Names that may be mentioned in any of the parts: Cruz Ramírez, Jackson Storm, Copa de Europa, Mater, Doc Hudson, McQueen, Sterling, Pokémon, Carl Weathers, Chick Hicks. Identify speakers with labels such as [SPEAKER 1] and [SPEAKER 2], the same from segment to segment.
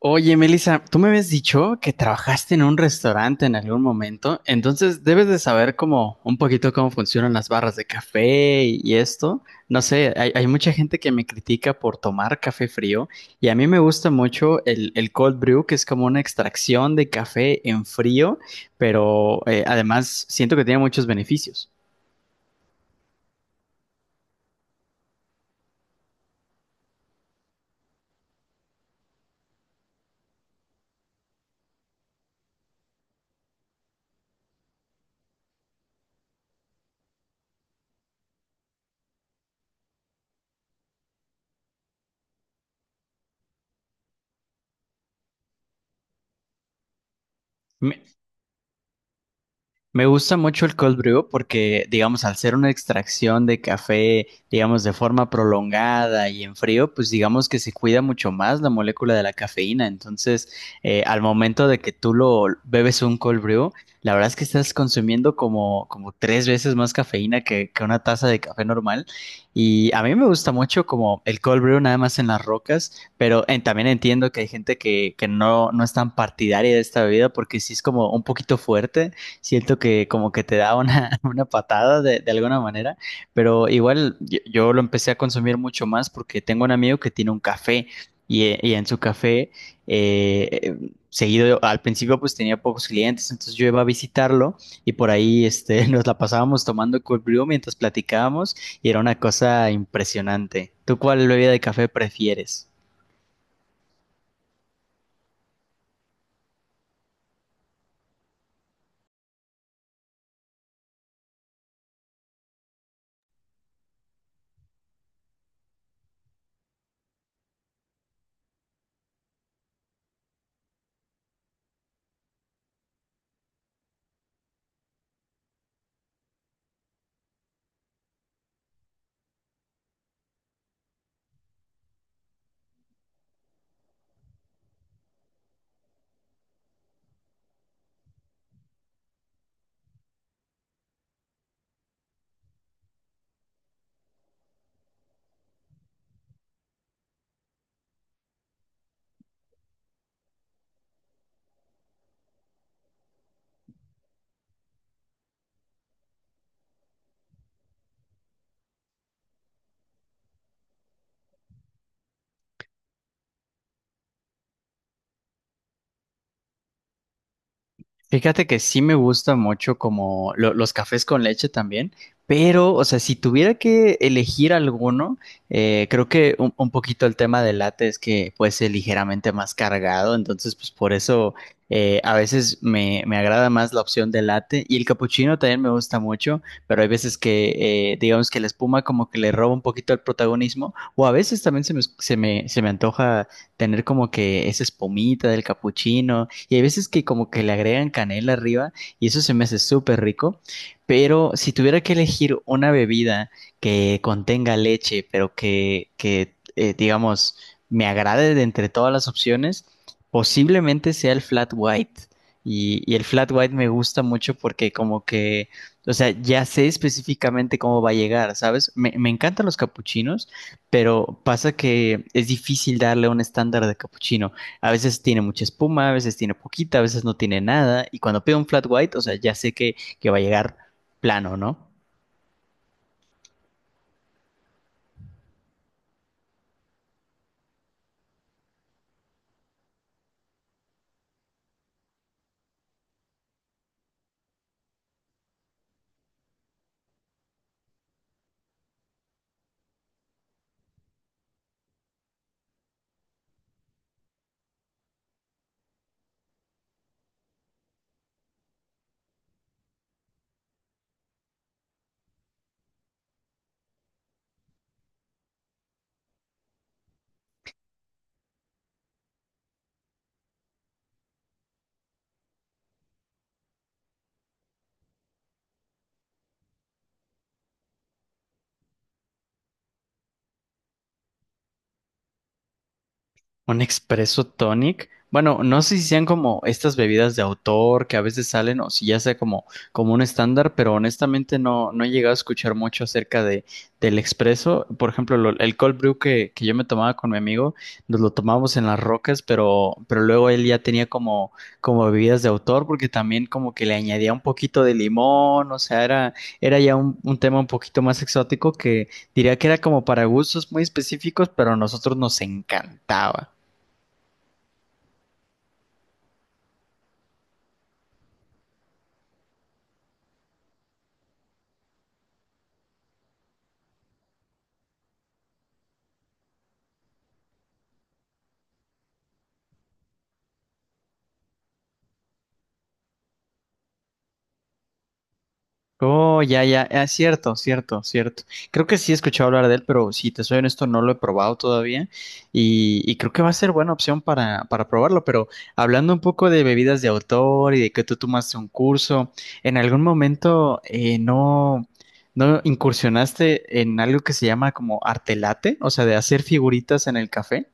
[SPEAKER 1] Oye, Melissa, tú me habías dicho que trabajaste en un restaurante en algún momento, entonces debes de saber cómo un poquito cómo funcionan las barras de café y esto. No sé, hay mucha gente que me critica por tomar café frío y a mí me gusta mucho el cold brew, que es como una extracción de café en frío, pero además siento que tiene muchos beneficios. Me gusta mucho el cold brew porque, digamos, al ser una extracción de café, digamos, de forma prolongada y en frío, pues digamos que se cuida mucho más la molécula de la cafeína. Entonces, al momento de que tú lo bebes un cold brew, la verdad es que estás consumiendo como tres veces más cafeína que una taza de café normal. Y a mí me gusta mucho como el cold brew nada más en las rocas, pero también entiendo que hay gente que no es tan partidaria de esta bebida porque sí es como un poquito fuerte, siento que como que te da una, una patada de alguna manera, pero igual yo lo empecé a consumir mucho más porque tengo un amigo que tiene un café y en su café eh, eh, seguido, al principio pues tenía pocos clientes, entonces yo iba a visitarlo y por ahí este, nos la pasábamos tomando cold brew mientras platicábamos y era una cosa impresionante. ¿Tú cuál bebida de café prefieres? Fíjate que sí me gusta mucho como los cafés con leche también, pero, o sea, si tuviera que elegir alguno, creo que un poquito el tema del latte es que puede ser ligeramente más cargado, entonces pues por eso a veces me agrada más la opción del latte y el capuchino también me gusta mucho, pero hay veces que digamos que la espuma como que le roba un poquito el protagonismo o a veces también se me antoja tener como que esa espumita del capuchino y hay veces que como que le agregan canela arriba y eso se me hace súper rico. Pero si tuviera que elegir una bebida que contenga leche, pero que digamos, me agrade de entre todas las opciones, posiblemente sea el flat white. Y el flat white me gusta mucho porque como que, o sea, ya sé específicamente cómo va a llegar, ¿sabes? Me encantan los capuchinos, pero pasa que es difícil darle un estándar de capuchino. A veces tiene mucha espuma, a veces tiene poquita, a veces no tiene nada, y cuando pido un flat white, o sea, ya sé que va a llegar plano, ¿no? Un expreso tonic. Bueno, no sé si sean como estas bebidas de autor que a veces salen o si ya sea como, como un estándar, pero honestamente no, no he llegado a escuchar mucho acerca de, del expreso. Por ejemplo, el cold brew que yo me tomaba con mi amigo, nos lo tomábamos en las rocas, pero luego él ya tenía como, como bebidas de autor porque también como que le añadía un poquito de limón, o sea, era, era ya un tema un poquito más exótico que diría que era como para gustos muy específicos, pero a nosotros nos encantaba. Oh, ya, ya, es cierto, cierto, cierto. Creo que sí he escuchado hablar de él, pero si te soy honesto, no lo he probado todavía y creo que va a ser buena opción para probarlo, pero hablando un poco de bebidas de autor y de que tú tomaste un curso, ¿en algún momento no incursionaste en algo que se llama como arte latte? O sea, de hacer figuritas en el café.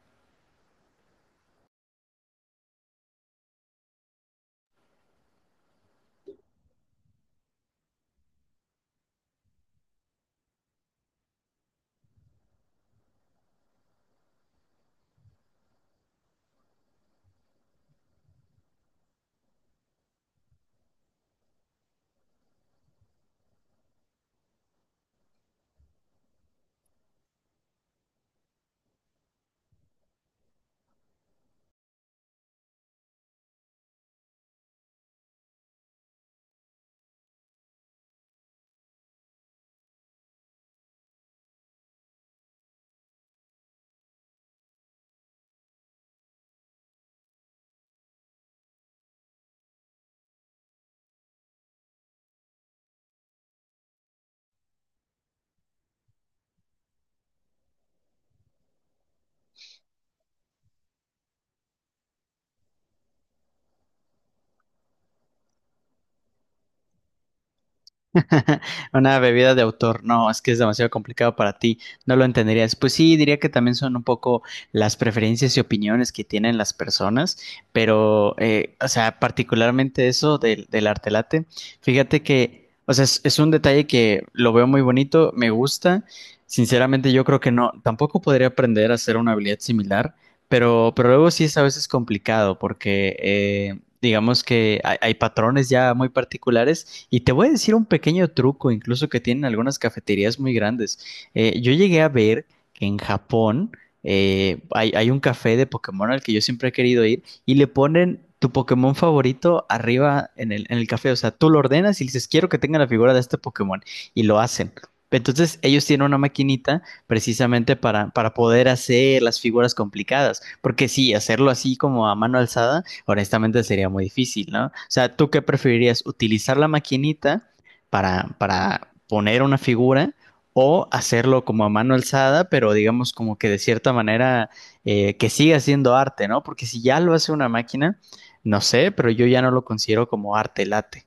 [SPEAKER 1] Una bebida de autor, no, es que es demasiado complicado para ti, no lo entenderías. Pues sí, diría que también son un poco las preferencias y opiniones que tienen las personas, pero, o sea, particularmente eso del arte latte, fíjate que, o sea, es un detalle que lo veo muy bonito, me gusta. Sinceramente, yo creo que no, tampoco podría aprender a hacer una habilidad similar, pero luego sí es a veces complicado porque digamos que hay patrones ya muy particulares y te voy a decir un pequeño truco, incluso que tienen algunas cafeterías muy grandes. Yo llegué a ver que en Japón hay un café de Pokémon al que yo siempre he querido ir y le ponen tu Pokémon favorito arriba en en el café. O sea, tú lo ordenas y le dices, quiero que tenga la figura de este Pokémon. Y lo hacen. Entonces ellos tienen una maquinita precisamente para poder hacer las figuras complicadas, porque sí, hacerlo así como a mano alzada honestamente sería muy difícil, ¿no? O sea, ¿tú qué preferirías? ¿Utilizar la maquinita para poner una figura o hacerlo como a mano alzada, pero digamos como que de cierta manera que siga siendo arte, ¿no? Porque si ya lo hace una máquina, no sé, pero yo ya no lo considero como arte late.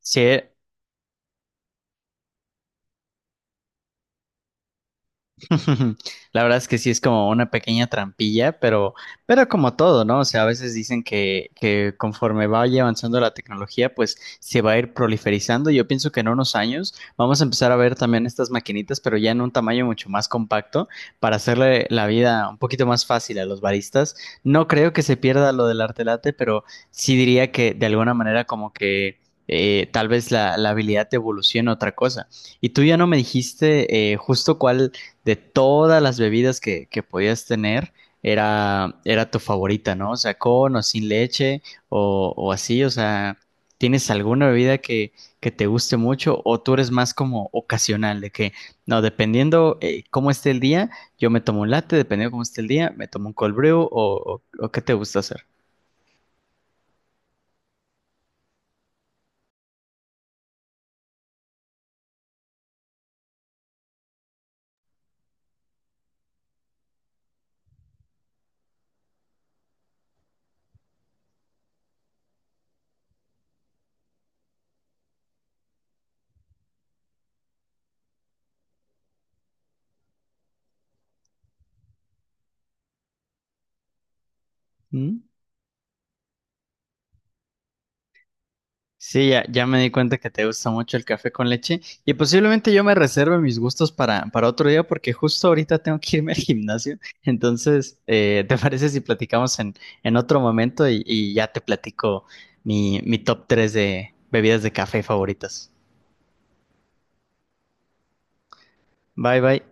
[SPEAKER 1] Sí. La verdad es que sí es como una pequeña trampilla, pero como todo, ¿no? O sea, a veces dicen que conforme vaya avanzando la tecnología, pues se va a ir proliferizando. Yo pienso que en unos años vamos a empezar a ver también estas maquinitas, pero ya en un tamaño mucho más compacto para hacerle la vida un poquito más fácil a los baristas. No creo que se pierda lo del arte latte, pero sí diría que de alguna manera como que tal vez la habilidad te evolucione a otra cosa. Y tú ya no me dijiste justo cuál de todas las bebidas que podías tener, era tu favorita, ¿no? O sea, con o sin leche o así, o sea, ¿tienes alguna bebida que te guste mucho o tú eres más como ocasional, de que, no, dependiendo cómo esté el día, yo me tomo un latte, dependiendo cómo esté el día, me tomo un cold brew o qué te gusta hacer? ¿Mm? Sí, ya, ya me di cuenta que te gusta mucho el café con leche y posiblemente yo me reserve mis gustos para otro día porque justo ahorita tengo que irme al gimnasio. Entonces, ¿te parece si platicamos en otro momento y ya te platico mi top 3 de bebidas de café favoritas? Bye, bye.